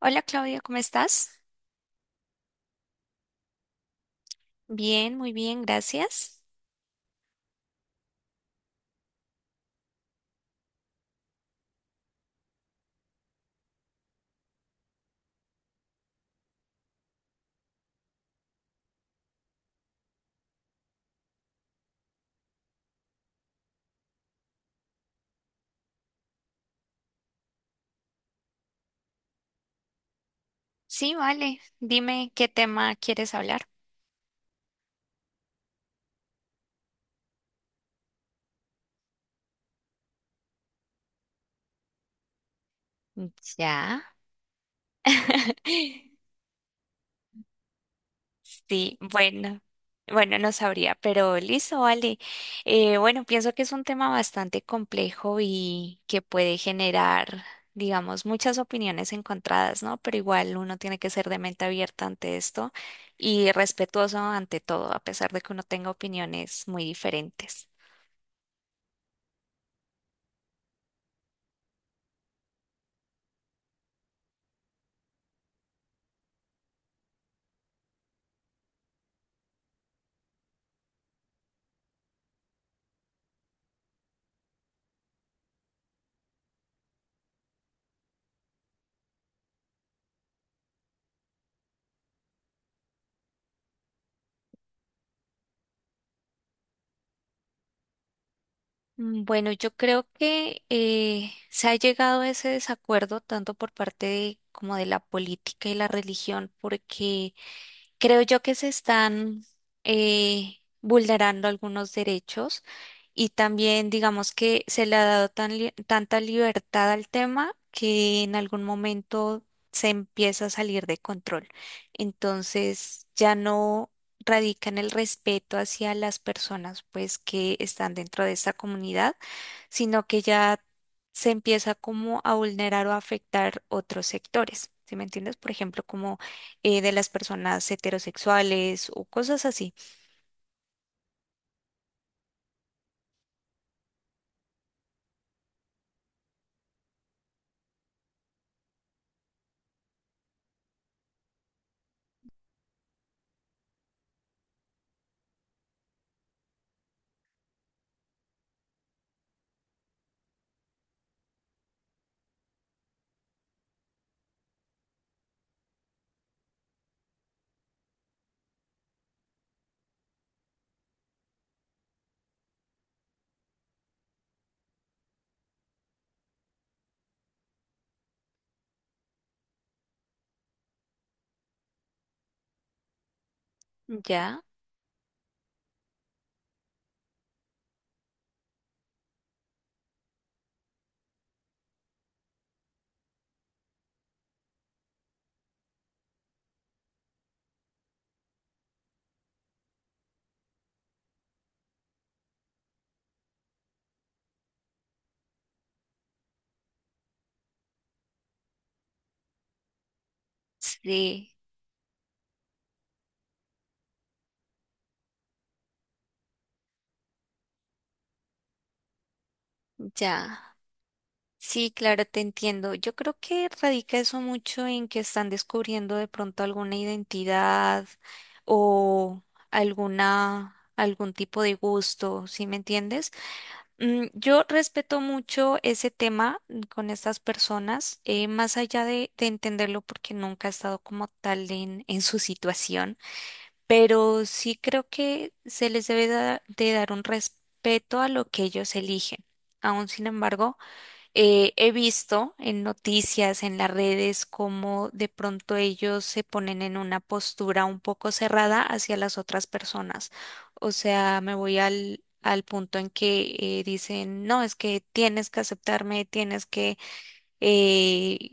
Hola Claudia, ¿cómo estás? Bien, muy bien, gracias. Sí, vale. Dime qué tema quieres hablar. Ya. Sí, bueno. Bueno, no sabría, pero listo, vale. Bueno, pienso que es un tema bastante complejo y que puede generar, digamos, muchas opiniones encontradas, ¿no? Pero igual uno tiene que ser de mente abierta ante esto y respetuoso ante todo, a pesar de que uno tenga opiniones muy diferentes. Mm, bueno, yo creo que se ha llegado a ese desacuerdo tanto por parte de como de la política y la religión, porque creo yo que se están vulnerando algunos derechos y también digamos que se le ha dado tanta libertad al tema que en algún momento se empieza a salir de control. Entonces ya no radica en el respeto hacia las personas pues que están dentro de esta comunidad, sino que ya se empieza como a vulnerar o a afectar otros sectores. ¿Sí me entiendes? Por ejemplo, como de las personas heterosexuales o cosas así. Ya, sí, ya. Sí, claro, te entiendo. Yo creo que radica eso mucho en que están descubriendo de pronto alguna identidad o algún tipo de gusto, ¿sí me entiendes? Mm, yo respeto mucho ese tema mm, con estas personas, más allá de entenderlo porque nunca he estado como tal en su situación, pero sí creo que se les de dar un respeto a lo que ellos eligen. Aún sin embargo, he visto en noticias, en las redes, cómo de pronto ellos se ponen en una postura un poco cerrada hacia las otras personas. O sea, me voy al, al punto en que dicen, no, es que tienes que aceptarme, tienes que, eh,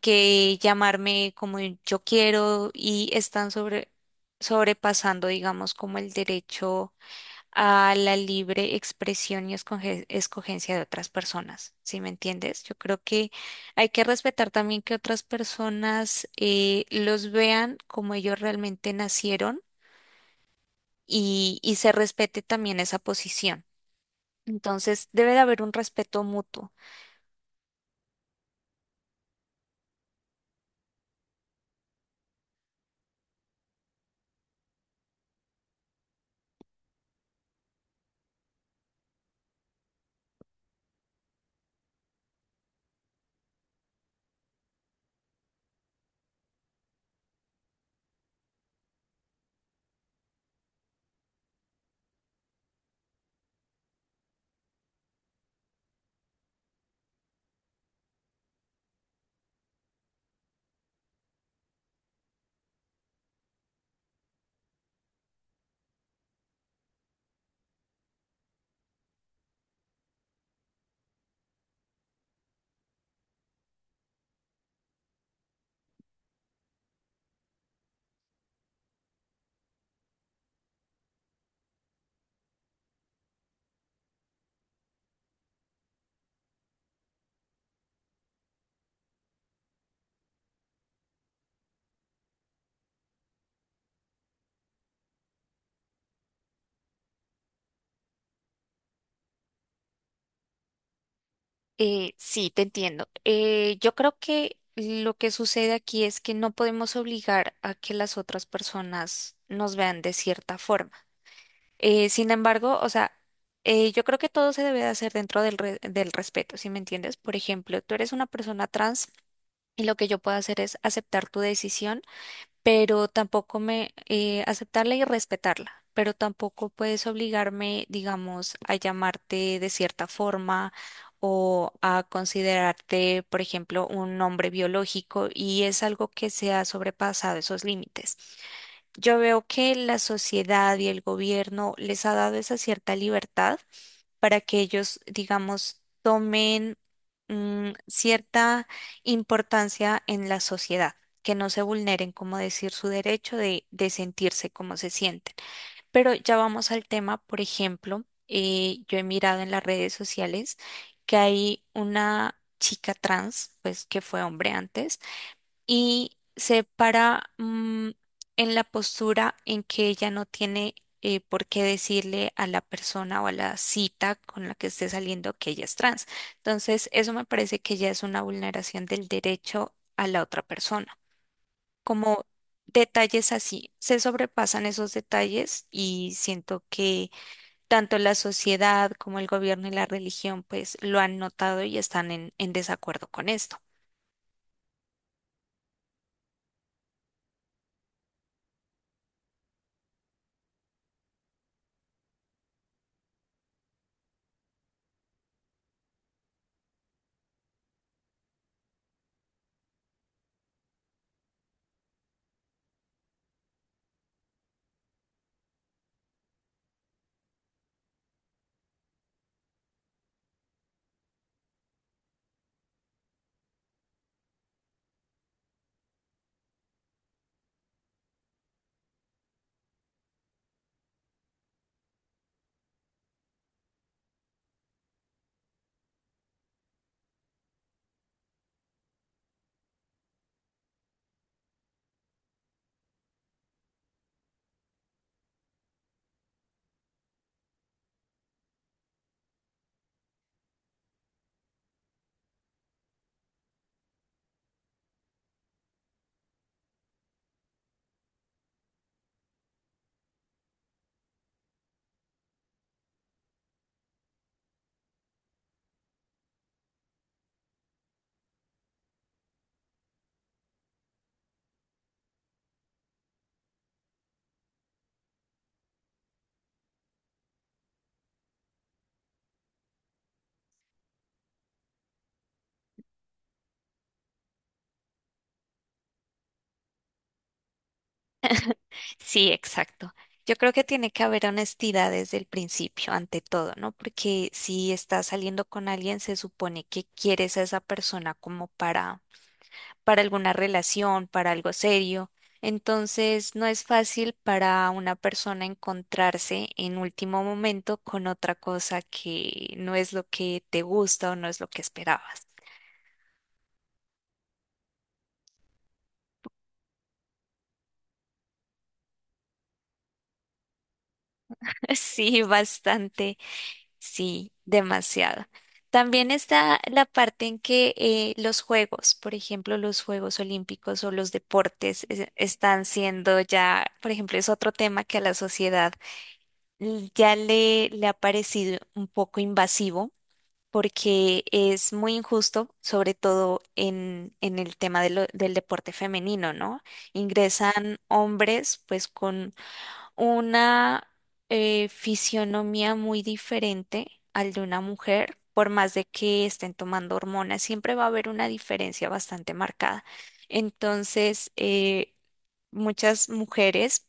que llamarme como yo quiero, y están sobrepasando, digamos, como el derecho a la libre expresión y escogencia de otras personas, ¿sí me entiendes? Yo creo que hay que respetar también que otras personas los vean como ellos realmente nacieron y se respete también esa posición. Entonces, debe de haber un respeto mutuo. Sí, te entiendo. Yo creo que lo que sucede aquí es que no podemos obligar a que las otras personas nos vean de cierta forma. Sin embargo, o sea, yo creo que todo se debe de hacer dentro del respeto, ¿si me entiendes? Por ejemplo, tú eres una persona trans y lo que yo puedo hacer es aceptar tu decisión, pero tampoco me aceptarla y respetarla. Pero tampoco puedes obligarme, digamos, a llamarte de cierta forma o a considerarte, por ejemplo, un hombre biológico, y es algo que se ha sobrepasado esos límites. Yo veo que la sociedad y el gobierno les ha dado esa cierta libertad para que ellos, digamos, tomen mm, cierta importancia en la sociedad, que no se vulneren, como decir, su derecho de sentirse como se sienten. Pero ya vamos al tema, por ejemplo, yo he mirado en las redes sociales que hay una chica trans, pues que fue hombre antes, y se para mm, en la postura en que ella no tiene por qué decirle a la persona o a la cita con la que esté saliendo que ella es trans. Entonces, eso me parece que ya es una vulneración del derecho a la otra persona. Como detalles así, se sobrepasan esos detalles, y siento que tanto la sociedad como el gobierno y la religión pues lo han notado y están en desacuerdo con esto. Sí, exacto. Yo creo que tiene que haber honestidad desde el principio, ante todo, ¿no? Porque si estás saliendo con alguien, se supone que quieres a esa persona como para alguna relación, para algo serio. Entonces, no es fácil para una persona encontrarse en último momento con otra cosa que no es lo que te gusta o no es lo que esperabas. Sí, bastante. Sí, demasiado. También está la parte en que los juegos, por ejemplo, los Juegos Olímpicos o los deportes están siendo ya, por ejemplo, es otro tema que a la sociedad ya le ha parecido un poco invasivo porque es muy injusto, sobre todo en el tema del deporte femenino, ¿no? Ingresan hombres pues con una fisionomía muy diferente al de una mujer, por más de que estén tomando hormonas, siempre va a haber una diferencia bastante marcada. Entonces, muchas mujeres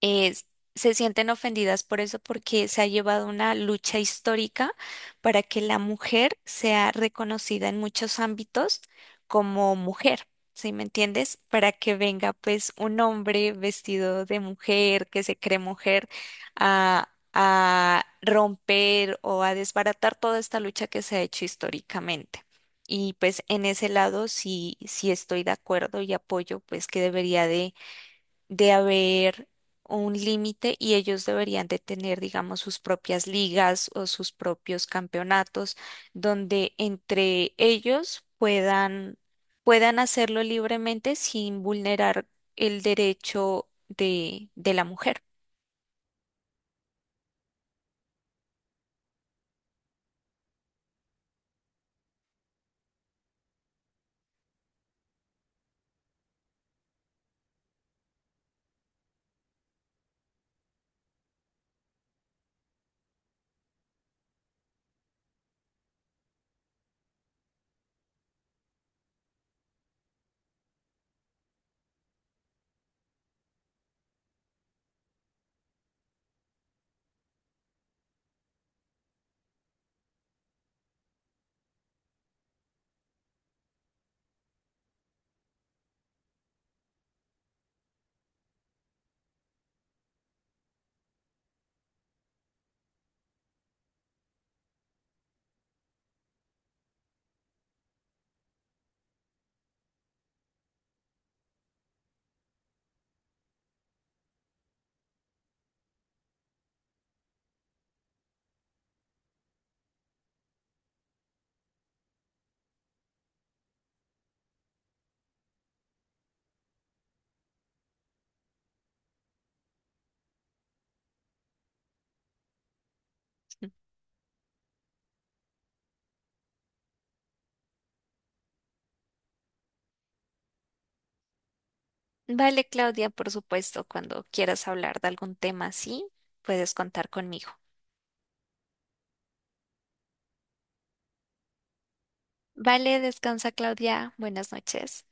eh, se sienten ofendidas por eso porque se ha llevado una lucha histórica para que la mujer sea reconocida en muchos ámbitos como mujer. ¿Sí me entiendes? Para que venga pues un hombre vestido de mujer, que se cree mujer, a romper o a desbaratar toda esta lucha que se ha hecho históricamente. Y pues en ese lado sí, sí estoy de acuerdo y apoyo pues que debería de haber un límite, y ellos deberían de tener, digamos, sus propias ligas o sus propios campeonatos donde entre ellos puedan, puedan hacerlo libremente sin vulnerar el derecho de la mujer. Vale, Claudia, por supuesto, cuando quieras hablar de algún tema así, puedes contar conmigo. Vale, descansa, Claudia. Buenas noches.